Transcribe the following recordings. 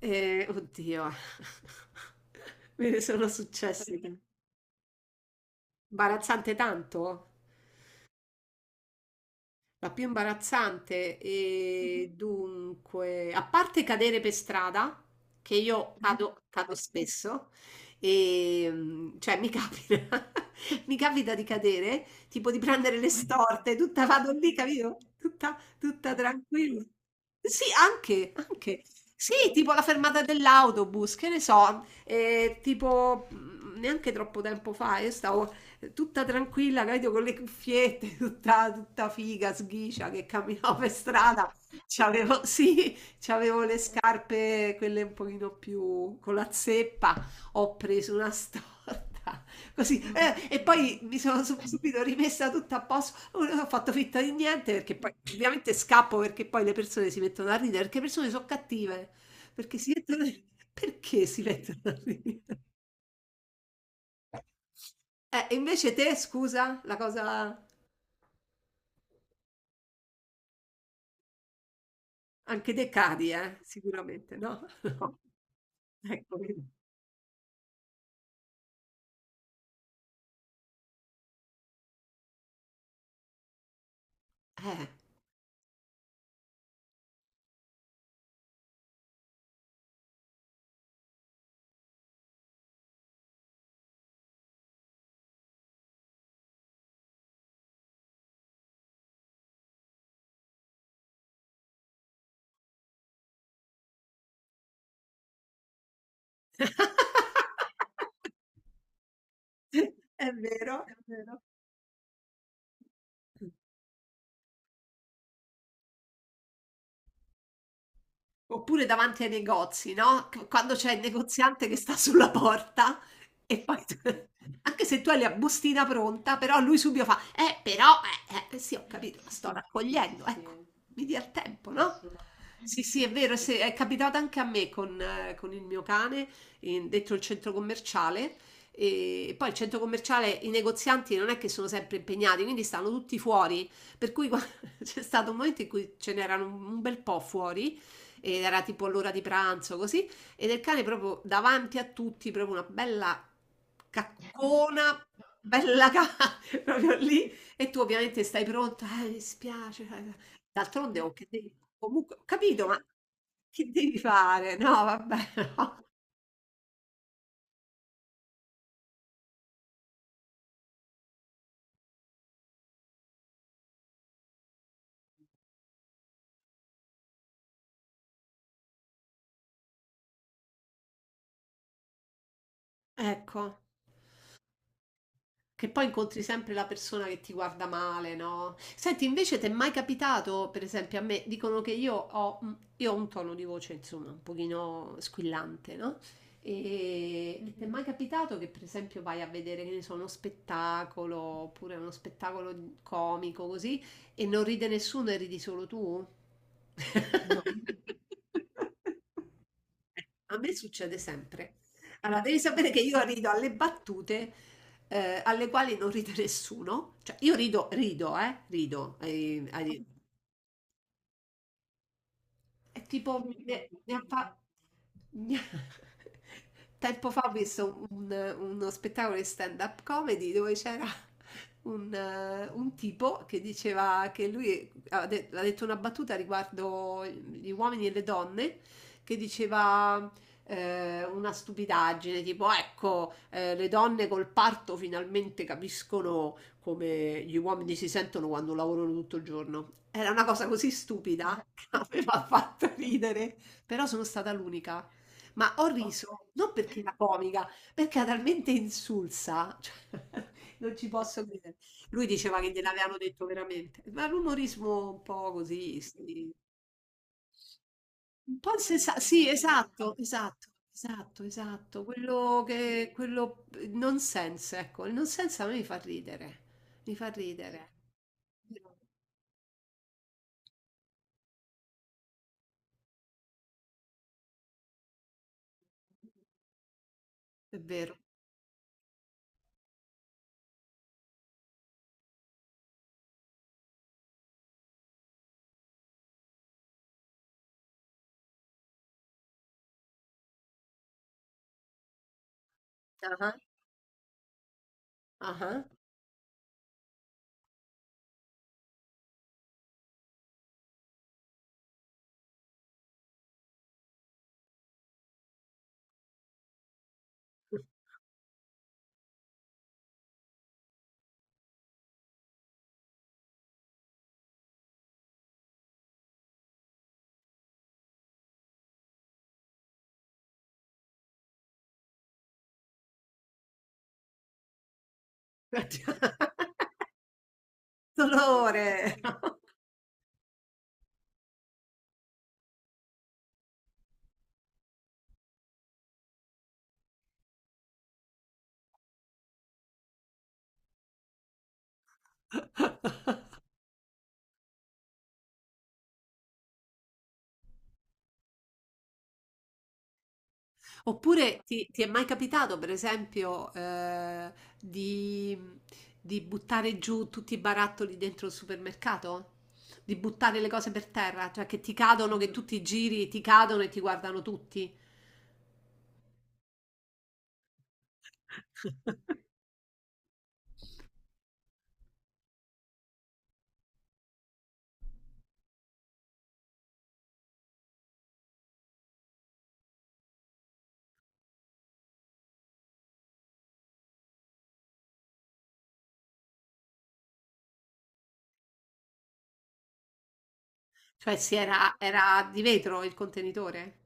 Oddio, me ne sono successe. Imbarazzante tanto? La più imbarazzante, e dunque, a parte cadere per strada, che io cado spesso, e, cioè mi capita, mi capita di cadere, tipo di prendere le storte, tutta vado lì, capito? Tutta, tutta tranquilla. Sì, anche, anche. Sì, tipo la fermata dell'autobus, che ne so, tipo neanche troppo tempo fa, io stavo tutta tranquilla, capito, con le cuffiette, tutta, tutta figa, sghicia che camminavo per strada. C'avevo, sì, c'avevo le scarpe, quelle un pochino più con la zeppa. Ho preso una storta, così. E poi mi sono subito rimessa tutta a posto. Non ho fatto finta di niente perché poi ovviamente scappo perché poi le persone si mettono a ridere, perché le persone sono cattive. Perché si mettono... Perché si mettono a ridere? Invece te, scusa, la cosa... Anche dei cari, sicuramente, no? No, ecco vedi. Eh. È vero, è vero. Oppure davanti ai negozi, no, c quando c'è il negoziante che sta sulla porta e poi tu anche se tu hai la bustina pronta, però lui subito fa: però, eh". Sì, ho capito, la sto raccogliendo, ecco, Sì. Mi dia il tempo, no? Assolutamente. Sì, sì, è vero, se è capitato anche a me con il mio cane, in dentro il centro commerciale, e poi il centro commerciale i negozianti non è che sono sempre impegnati, quindi stanno tutti fuori, per cui qua c'è stato un momento in cui ce n'erano un bel po' fuori ed era tipo l'ora di pranzo così ed il cane proprio davanti a tutti proprio una bella caccona bella proprio lì e tu ovviamente stai pronta mi spiace d'altronde oh, che devi comunque ho capito ma che devi fare no vabbè no. Ecco, che poi incontri sempre la persona che ti guarda male, no? Senti, invece ti è mai capitato, per esempio, a me dicono che io ho, un tono di voce, insomma, un pochino squillante, no? E ti è mai capitato che, per esempio, vai a vedere, che ne so, uno spettacolo, oppure uno spettacolo comico, così, e non ride nessuno e ridi solo tu? No. A me succede sempre. Allora, devi sapere che io rido alle battute alle quali non ride nessuno. Cioè, io rido, rido, rido. È tipo, ne, ne ha fa- ne- tempo fa ho visto uno spettacolo di stand-up comedy dove c'era un tipo che diceva che lui ha detto una battuta riguardo gli uomini e le donne, che diceva una stupidaggine, tipo ecco, le donne col parto finalmente capiscono come gli uomini si sentono quando lavorano tutto il giorno. Era una cosa così stupida che aveva fatto ridere, però sono stata l'unica. Ma ho riso non perché era comica, perché era talmente insulsa, cioè, non ci posso credere. Lui diceva che gliel'avevano detto veramente, ma l'umorismo un po' così, sì. Sì, esatto, esatto, esatto, esatto. Quello che, quello il nonsense, ecco, il nonsense a me mi fa ridere, mi fa ridere. È vero. È vero. Ah, ah. Dolore. Oppure ti, ti è mai capitato, per esempio, di, di buttare giù tutti i barattoli dentro il supermercato? Di buttare le cose per terra, cioè che ti cadono, che tutti i giri ti cadono e ti guardano tutti. Cioè, si era, era di vetro il contenitore.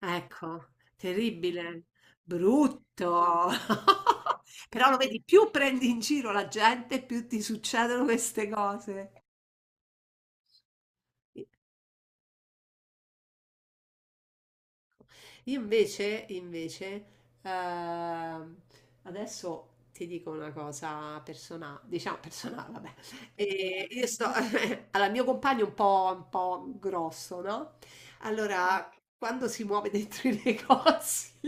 Ecco, terribile, brutto. Però lo vedi, più prendi in giro la gente, più ti succedono queste cose. Io invece, ehm, adesso ti dico una cosa personale, diciamo personale, vabbè. E io sto, allora, il mio compagno è un po' grosso, no? Allora, quando si muove dentro i negozi,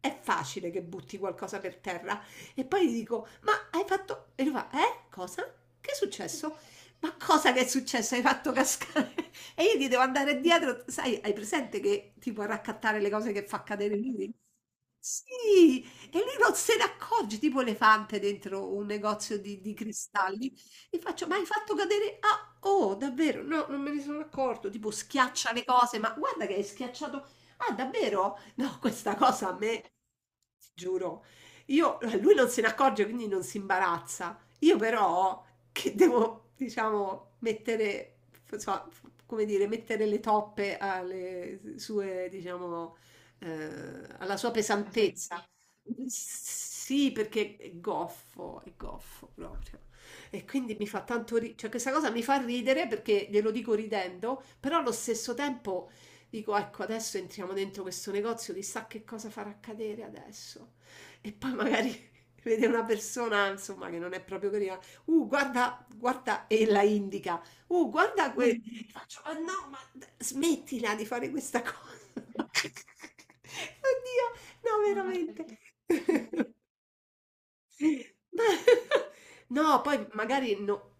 è facile che butti qualcosa per terra. E poi gli dico, ma hai fatto... E lui fa, eh? Cosa? Che è successo? Ma cosa che è successo? Hai fatto cascare? E io gli devo andare dietro, sai, hai presente che tipo a raccattare le cose che fa cadere lui? Sì, e lui non se ne accorge, tipo elefante dentro un negozio di cristalli. Gli faccio, ma hai fatto cadere? Ah, oh, davvero? No, non me ne sono accorto. Tipo schiaccia le cose, ma guarda che hai schiacciato. Ah, davvero? No, questa cosa a me, ti giuro, io, lui non se ne accorge, quindi non si imbarazza. Io però, che devo, diciamo, mettere, so, come dire, mettere le toppe alle sue, diciamo, alla sua pesantezza. Sì, perché è goffo proprio. E quindi mi fa tanto ridere, cioè questa cosa mi fa ridere perché glielo dico ridendo, però allo stesso tempo dico, ecco, adesso entriamo dentro questo negozio, chissà che cosa farà accadere adesso. E poi magari vede una persona, insomma, che non è proprio carina. Guarda, guarda, e la indica. Guarda e faccio, "Ah, no, ma smettila di fare questa cosa. Oddio, no, veramente. Ma- No, poi magari no,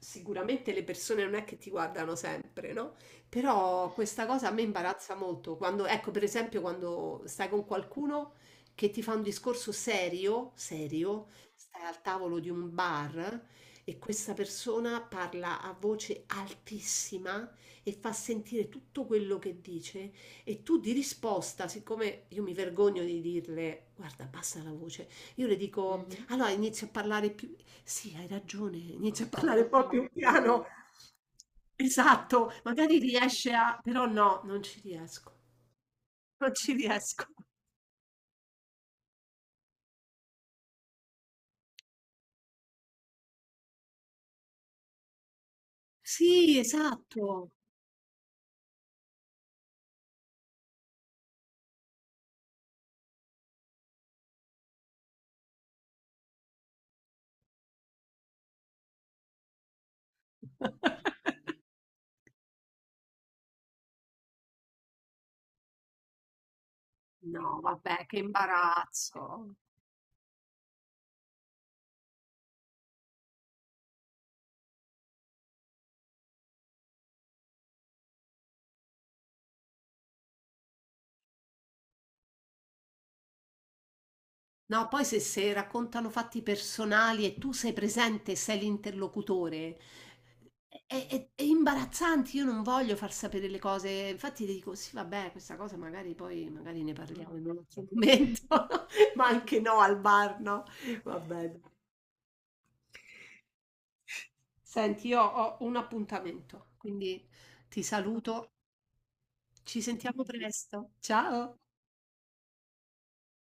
sicuramente le persone non è che ti guardano sempre, no? Però questa cosa a me imbarazza molto. Quando, ecco, per esempio, quando stai con qualcuno che ti fa un discorso serio, serio, stai al tavolo di un bar e questa persona parla a voce altissima e fa sentire tutto quello che dice e tu di risposta, siccome io mi vergogno di dirle, guarda, basta la voce, io le dico, allora inizio a parlare più... Sì, hai ragione, inizio a parlare un po' più piano. Esatto, magari riesce a... però no, non ci riesco. Non ci riesco. Sì, esatto. No, vabbè, che imbarazzo. No, poi se, se raccontano fatti personali e tu sei presente, e sei l'interlocutore, è, è imbarazzante, io non voglio far sapere le cose, infatti ti dico sì, vabbè, questa cosa magari poi magari ne parliamo in un altro momento, ma anche no al bar, no? Vabbè. Dai. Senti, io ho un appuntamento, quindi ti saluto, ci sentiamo presto. Ciao!